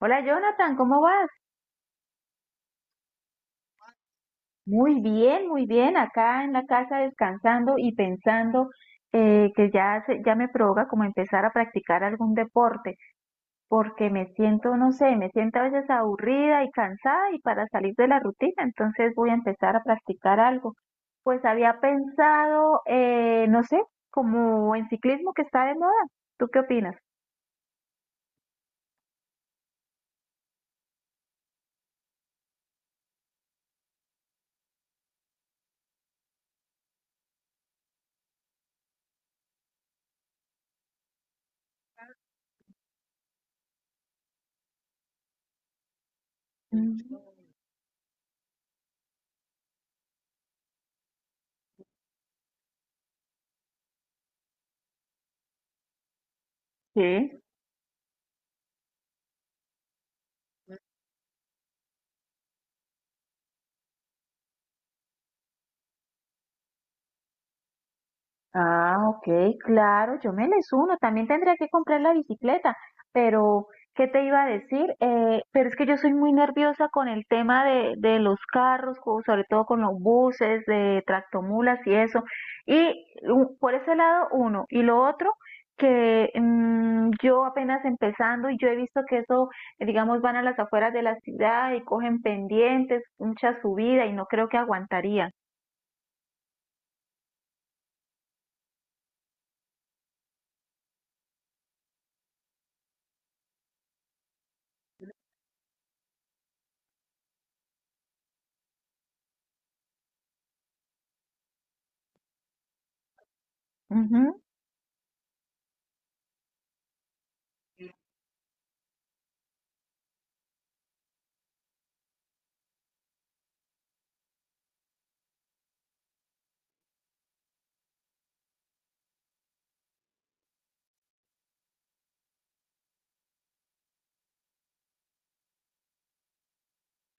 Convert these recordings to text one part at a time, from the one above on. Hola Jonathan, ¿cómo vas? Muy bien, muy bien. Acá en la casa descansando y pensando que ya, ya me provoca como empezar a practicar algún deporte, porque me siento, no sé, me siento a veces aburrida y cansada y para salir de la rutina, entonces voy a empezar a practicar algo. Pues había pensado, no sé, como en ciclismo que está de moda. ¿Tú qué opinas? Mm, Sí. Ah, ok, claro, yo me les uno. También tendría que comprar la bicicleta, pero ¿qué te iba a decir? Pero es que yo soy muy nerviosa con el tema de los carros, sobre todo con los buses, de tractomulas y eso. Y por ese lado, uno. Y lo otro, que yo apenas empezando y yo he visto que eso, digamos, van a las afueras de la ciudad y cogen pendientes, mucha subida y no creo que aguantaría. Ujú.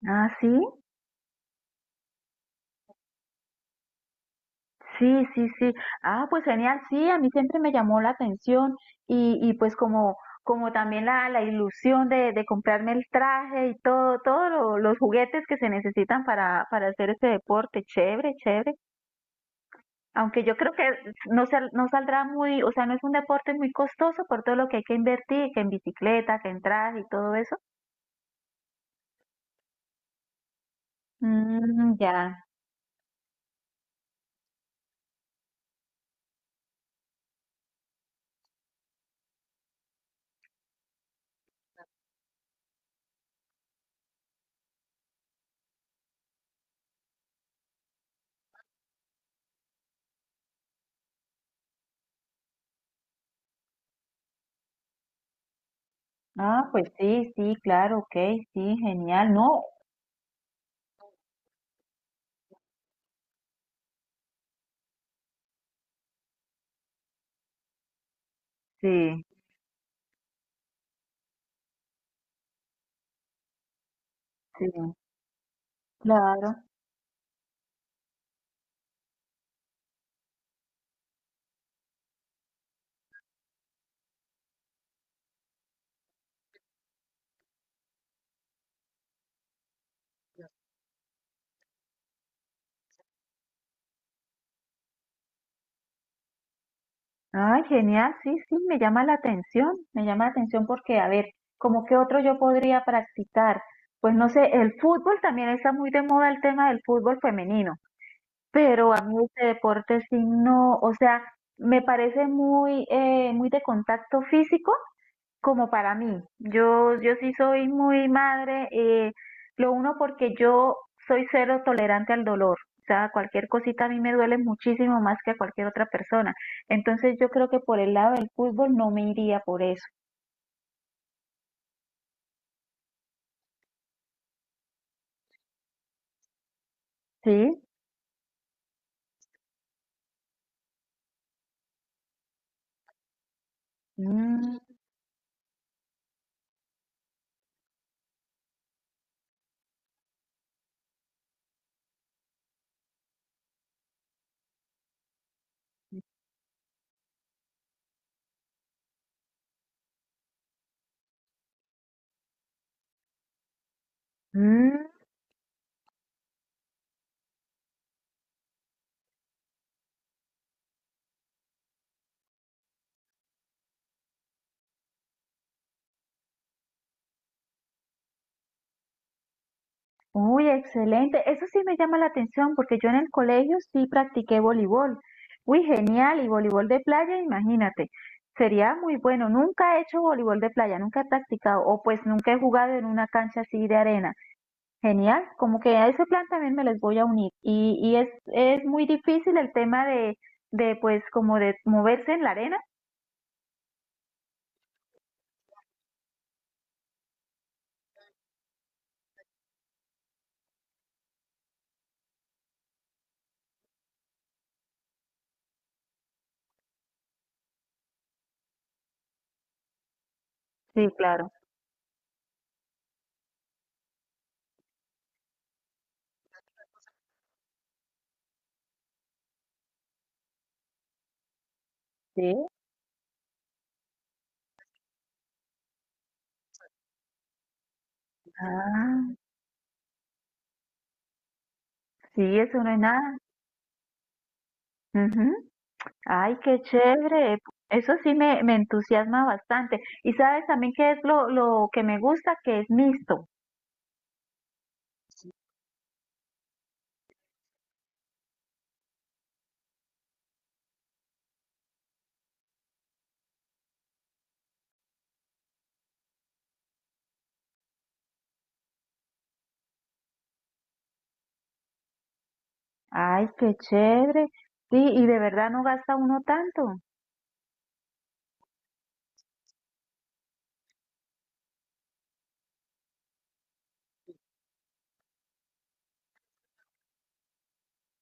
Ah, sí. Sí, sí, sí. Ah, pues genial, sí, a mí siempre me llamó la atención y pues como, como también la ilusión de comprarme el traje y todo, todos los juguetes que se necesitan para hacer este deporte, chévere, chévere. Aunque yo creo que no saldrá muy, o sea, no es un deporte muy costoso por todo lo que hay que invertir, que en bicicleta, que en traje y todo eso. Mm, ya. Ah, pues sí, sí, claro, ok, sí, genial, no. Sí, sí, claro. Ay, genial, sí, sí, me llama la atención, me llama la atención porque, a ver, ¿cómo qué otro yo podría practicar? Pues no sé, el fútbol también está muy de moda el tema del fútbol femenino, pero a mí este deporte sí no, o sea, me parece muy, muy de contacto físico como para mí. Yo sí soy muy madre, lo uno porque yo soy cero tolerante al dolor. O sea, cualquier cosita a mí me duele muchísimo más que a cualquier otra persona. Entonces yo creo que por el lado del fútbol no me iría por eso. ¿Sí? Mm. Mm. Uy, excelente. Eso sí me llama la atención porque yo en el colegio sí practiqué voleibol. Uy, genial. Y voleibol de playa, imagínate. Sería muy bueno. Nunca he hecho voleibol de playa, nunca he practicado o pues nunca he jugado en una cancha así de arena. Genial. Como que a ese plan también me les voy a unir. Y es muy difícil el tema de pues como de moverse en la arena. Sí, claro. Sí. Ah, sí, eso no es nada. Ujú. Ay, qué chévere. Eso sí me entusiasma bastante. Y sabes también qué es lo que me gusta, que es mixto. Ay, qué chévere. Sí, y de verdad no gasta uno tanto.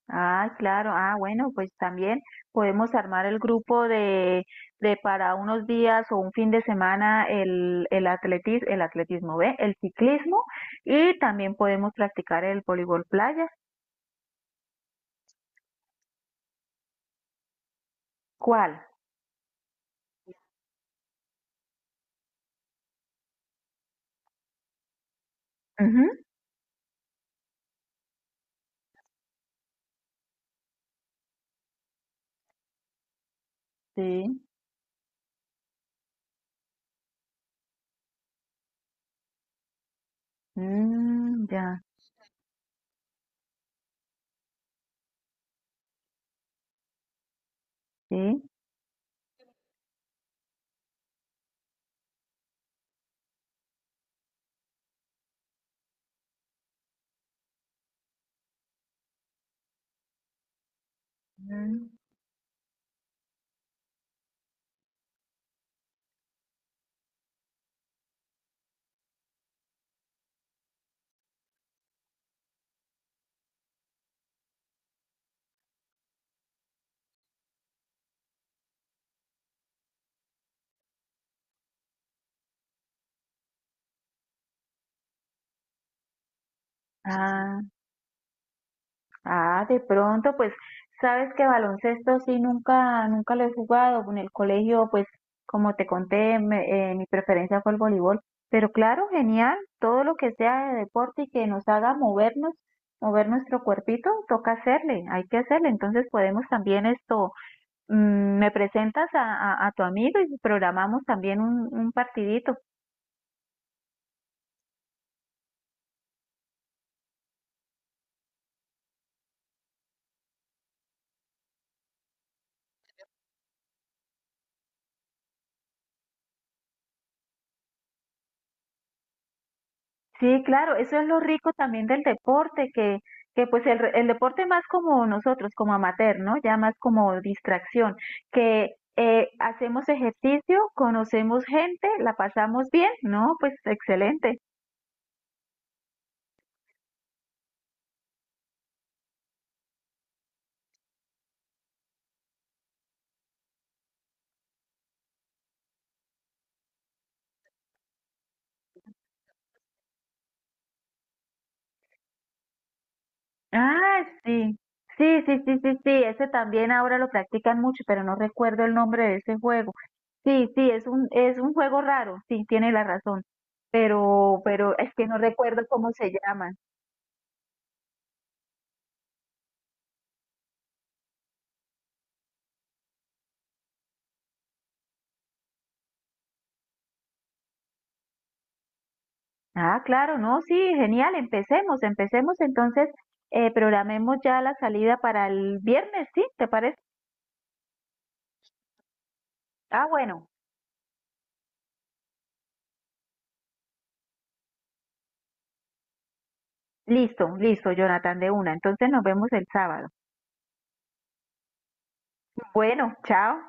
Ay, claro. Ah, bueno, pues también podemos armar el grupo de para unos días o un fin de semana el, el atletismo, ¿ve? El ciclismo y también podemos practicar el voleibol playa. ¿Cuál? Ujú. Sí. Mm, ya, sí. Mm. Ah, ah, de pronto, pues, sabes que baloncesto sí nunca, nunca lo he jugado. En el colegio, pues, como te conté, mi preferencia fue el voleibol. Pero claro, genial, todo lo que sea de deporte y que nos haga movernos, mover nuestro cuerpito, toca hacerle, hay que hacerle. Entonces podemos también esto, me presentas a tu amigo y programamos también un partidito. Sí, claro, eso es lo rico también del deporte, que pues el, el deporte más como nosotros, como amateur, ¿no? Ya más como distracción, que hacemos ejercicio, conocemos gente, la pasamos bien, ¿no? Pues excelente. Ah, sí. Sí, sí, sí, sí, sí, ese también ahora lo practican mucho, pero no recuerdo el nombre de ese juego. Sí, sí, es un juego raro, sí, tiene la razón, pero es que no recuerdo cómo se llama. Ah, claro, no, sí, genial, empecemos, empecemos entonces, programemos ya la salida para el viernes, ¿sí? ¿Te parece? Ah, bueno, listo, listo, Jonathan, de una, entonces nos vemos el sábado. Bueno, chao.